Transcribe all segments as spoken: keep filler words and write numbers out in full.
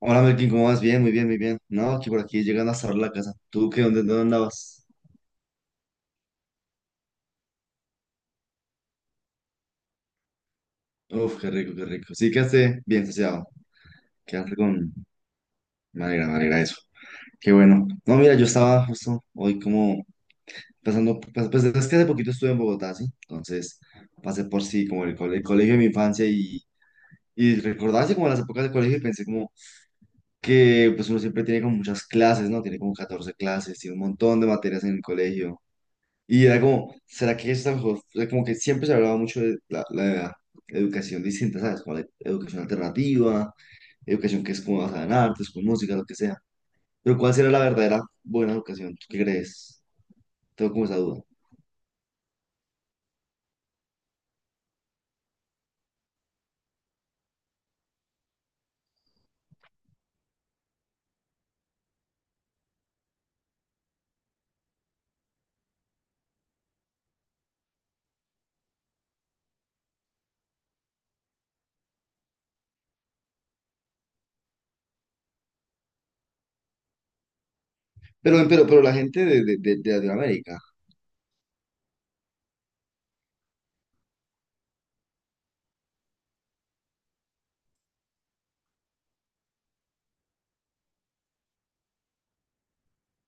Hola, Melkin, ¿cómo vas? Bien, muy bien, muy bien. No, aquí por aquí llegando a cerrar la casa. ¿Tú qué? ¿Dónde, dónde andabas? Uf, qué rico, qué rico. Sí, quedaste bien saciado. Quedaste con... Me alegra, me alegra eso. Qué bueno. No, mira, yo estaba justo hoy como pasando... Pues, pues, es que hace poquito estuve en Bogotá, ¿sí? Entonces pasé por sí como el, cole- el colegio de mi infancia y, y recordaba así como las épocas del colegio y pensé como que pues uno siempre tiene como muchas clases, ¿no? Tiene como catorce clases, tiene un montón de materias en el colegio. Y era como, ¿será que esta mejor? O sea, como que siempre se hablaba mucho de la, la educación distinta, ¿sabes? Como la educación alternativa, educación que es como basada en artes, con música, lo que sea. Pero ¿cuál será la verdadera buena educación? ¿Tú qué crees? Tengo como esa duda. Pero, pero, pero la gente de, de, de, de Latinoamérica,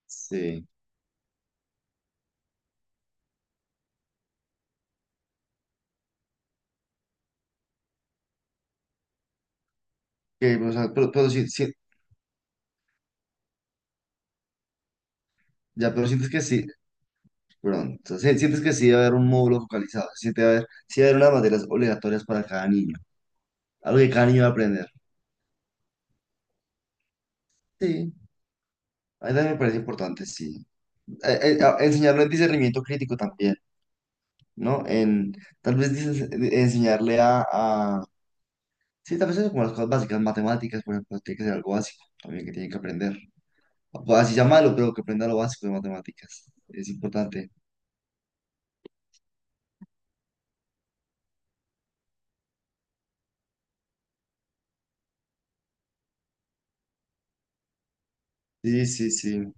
sí. Que, o sea, pero, pero sí, sí, ya, pero sientes que sí, perdón, o sea, sí- sientes que sí debe haber un módulo focalizado, si siente haber, sí debe haber unas materias obligatorias para cada niño, algo que cada niño va a aprender. Sí, a mí también me parece importante, sí. eh, eh, a- enseñarlo en discernimiento crítico también, ¿no? En, tal vez dices- enseñarle a, a- sí, tal vez eso como las cosas básicas, matemáticas, por ejemplo, tiene que ser algo básico también que tiene que aprender. Pues así llamarlo, pero que aprenda lo básico de matemáticas. Es importante. Sí, sí, sí,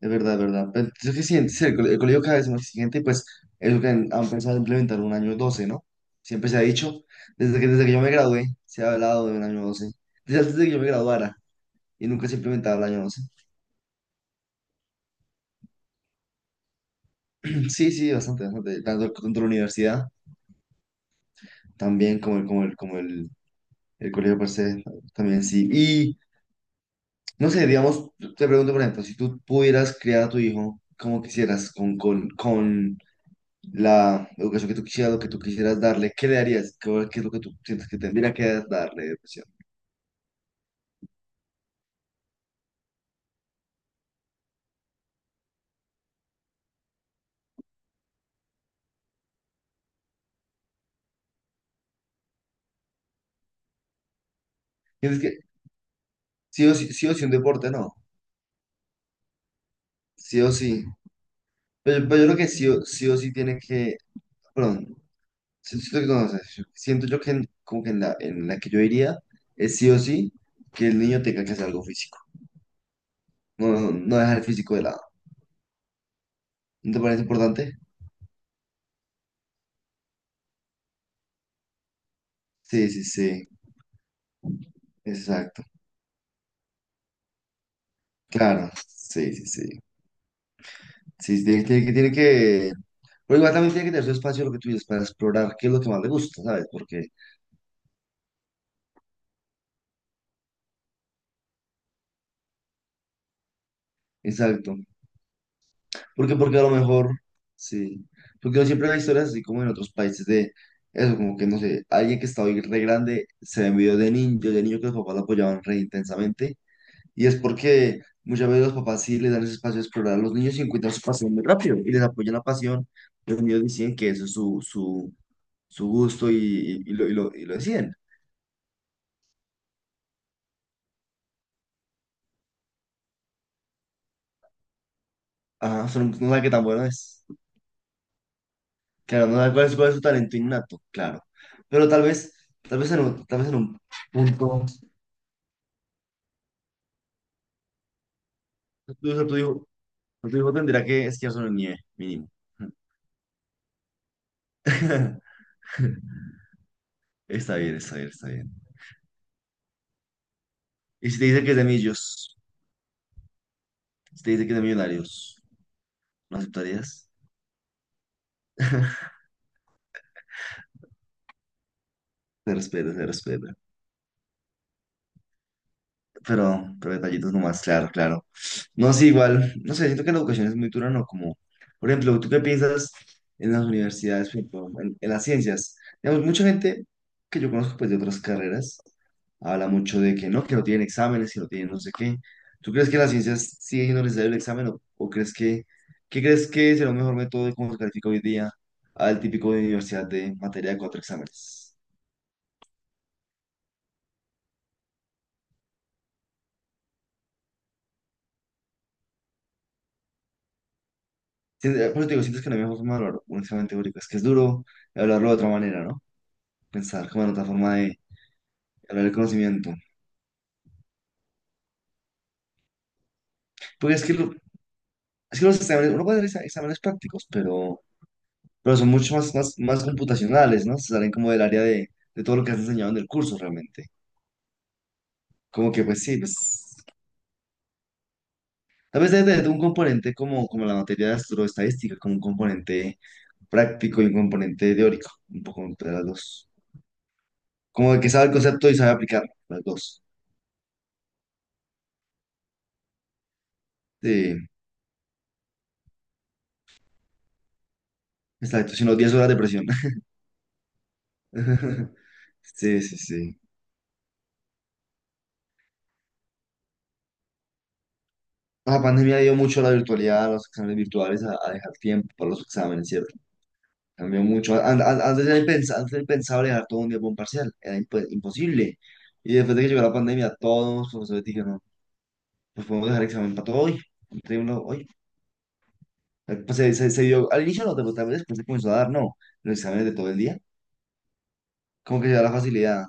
es verdad, es verdad. Pero es que sí, sí, el, cole- el colegio cada vez es más exigente y pues es lo que han, han pensado implementar un año doce, ¿no? Siempre se ha dicho, desde que, desde que yo me gradué, se ha hablado de un año doce. Desde antes de que yo me graduara y nunca se implementaba el año doce. Sí, sí, bastante, bastante. Tanto, tanto la universidad también como el, como el, como el, el colegio per se, también sí. Y no sé, digamos, te pregunto, por ejemplo, si tú pudieras criar a tu hijo como quisieras, con, con, con la educación que tú quisieras, lo que tú quisieras darle, ¿qué le darías? ¿Qué, qué es lo que tú sientes que tendría que darle de educación? Sientes que sí o sí, sí o sí un deporte, no. Sí o sí. Pero, pero yo creo que sí o sí, o sí tiene que, perdón, si- siento, que no, o sea, yo- siento yo que en- como que en la, en la que yo iría es sí o sí que el niño tenga que hacer algo físico. No, no, no dejar el físico de lado. ¿No te parece importante? Sí, sí, sí. Exacto. Claro. Sí, sí, sí. Sí, sí, tiene, tiene que, tiene que... Pero igual también tiene que tener su espacio, lo que tú dices, para explorar qué es lo que más le gusta, ¿sabes? Porque, exacto. Porque, porque a lo mejor, sí. Porque yo siempre veo historias así como en otros países de eso, como que no sé, alguien que está hoy re grande se ve en videos de niño, de niño que los papás lo apoyaban re intensamente. Y es porque muchas veces los papás sí les dan ese espacio de explorar a los niños y encuentran su pasión muy rápido y les apoyan la pasión. Los niños deciden que eso es su, su, su gusto y, y, lo, y, lo, y lo deciden. Ajá, son, no saben qué tan bueno es. Claro, no saben cuál es, cuál es su talento innato, claro. Pero tal vez, tal vez en un, tal vez en un punto. Tu hijo, tu hijo, tu hijo tendrá que esquiar en nieve, mínimo. Está bien, está bien, está bien. Y si te dice que es de millos, si te dice que es de millonarios, ¿no aceptarías? Se respeta, se respeta. pero, pero detallitos nomás, claro, claro. No, sí, igual, no sé, siento que la educación es muy dura, ¿no? Como, por ejemplo, ¿tú qué piensas en las universidades, por ejemplo, en, en las ciencias? Digamos, mucha gente que yo conozco, pues, de otras carreras, habla mucho de que no, que no tienen exámenes, que no tienen no sé qué. ¿Tú crees que en las ciencias sigue siendo necesario el examen o, o crees que, qué crees que será un mejor método de cómo se califica hoy día al típico de universidad de materia de cuatro exámenes? Sí, eh, por eso te digo, sientes que no hay mejor forma de hablar un examen teórico. Es que es duro hablarlo de otra manera, ¿no? Pensar como en otra forma de hablar el conocimiento. Porque es que, lo- es que los exámenes, uno puede hacer exa- exámenes prácticos, pero, pero son mucho más, más, más computacionales, ¿no? Se salen como del área de, de todo lo que has enseñado en el curso realmente. Como que, pues sí, pues. Tal vez debe tener un componente como, como la materia de astroestadística, como un componente práctico y un componente teórico, un poco entre las dos. Como de que sabe el concepto y sabe aplicar las dos. Sí. Exacto, sino diez horas de presión. Sí, sí, sí. La pandemia dio mucho a la virtualidad, a los exámenes virtuales, a, a dejar tiempo para los exámenes, ¿cierto? Cambió mucho. An- an- Antes era impens- antes era impensable dejar todo un día para un parcial, era imp- imposible. Y después de que llegó la pandemia, todos los profesores dijeron, pues podemos dejar examen para todo hoy, entreguémoslo hoy. Eh, Pues se, se- se dio, al inicio no, pero tal vez después se comenzó a dar, no, los exámenes de todo el día, como que se da la facilidad.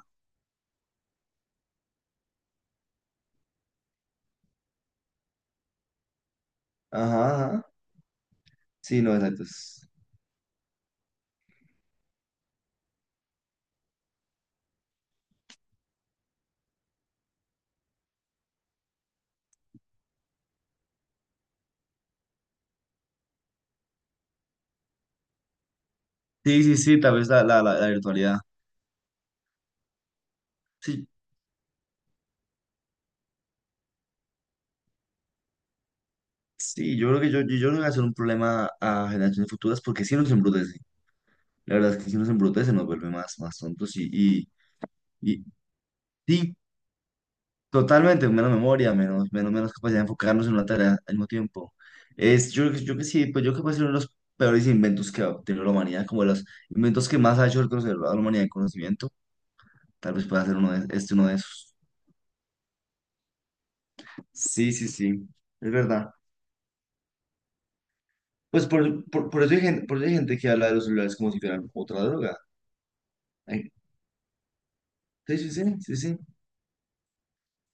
Ajá, ajá. Sí, no, exacto. Es. Sí, sí, sí, tal vez la, la, la, la virtualidad. Sí. Sí, yo creo que yo, yo, yo creo que va a ser un problema a generaciones futuras porque si nos embrutece. La verdad es que si nos embrutece nos vuelve más, más tontos y, y, y sí, totalmente, menos memoria, menos, menos, menos capacidad de enfocarnos en una tarea al mismo tiempo. Es, yo, creo que- yo creo que sí, pues yo creo que puede ser uno de los peores inventos que ha tenido la humanidad, como de los inventos que más ha hecho retroceder a la humanidad en conocimiento. Tal vez pueda ser uno de, este uno de esos. Sí, sí, sí, es verdad. Pues por, por, por eso hay gente, por eso hay gente que habla de los celulares como si fueran otra droga. Ay, sí, sí, sí, sí, sí.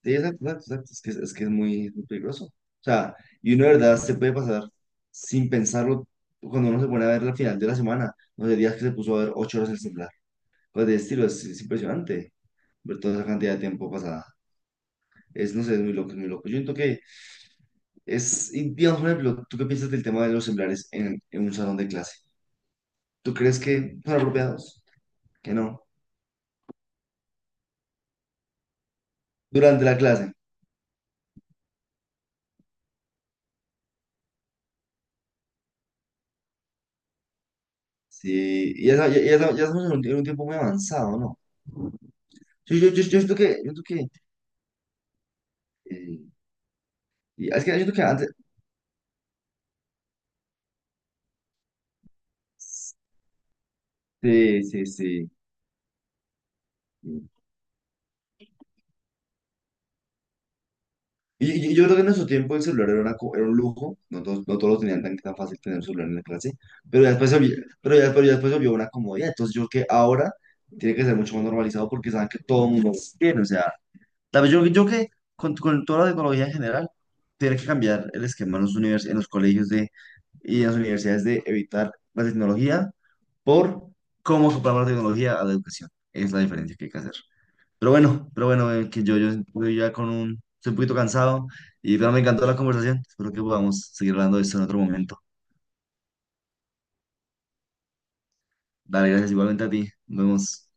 Sí, exacto, exacto, exacto. Es que, es que es muy, es muy peligroso. O sea, y uno de verdad se puede pasar sin pensarlo cuando uno se pone a ver la final de la semana, no sé, días que se puso a ver ocho horas el celular. Cosas de estilo, es, es impresionante ver toda esa cantidad de tiempo pasada. Es, no sé, es muy loco, es muy loco. Yo siento que es, y digamos, por ejemplo, ¿tú qué piensas del tema de los celulares en, en un salón de clase? ¿Tú crees que son apropiados? Que no. Durante la clase. Sí, y ya, ya, ya, ya estamos en un, en un tiempo muy avanzado, ¿no? Yo, yo, yo, yo siento que, yo siento que eh, y es que yo creo que antes. Sí, sí, sí. Sí. Y, y- y yo creo que en nuestro tiempo el celular era, una co- era un lujo. No todos, no todos lo tenían tan, tan fácil tener un celular en la clase. Pero ya después se volvió, pero ya, pero ya después se volvió una comodidad. Entonces yo creo que ahora tiene que ser mucho más normalizado porque saben que todo el mundo lo tiene. O sea, tal vez yo, yo creo que con, con toda la tecnología en general, tiene que cambiar el esquema en los univers- en los colegios de, y en las universidades de evitar la tecnología por cómo soportamos la tecnología a la educación. Es la diferencia que hay que hacer. Pero bueno, pero bueno, eh, que yo, yo estoy ya con un, estoy un poquito cansado y pero me encantó la conversación. Espero que podamos seguir hablando de esto en otro momento. Dale, gracias igualmente a ti. Nos vemos.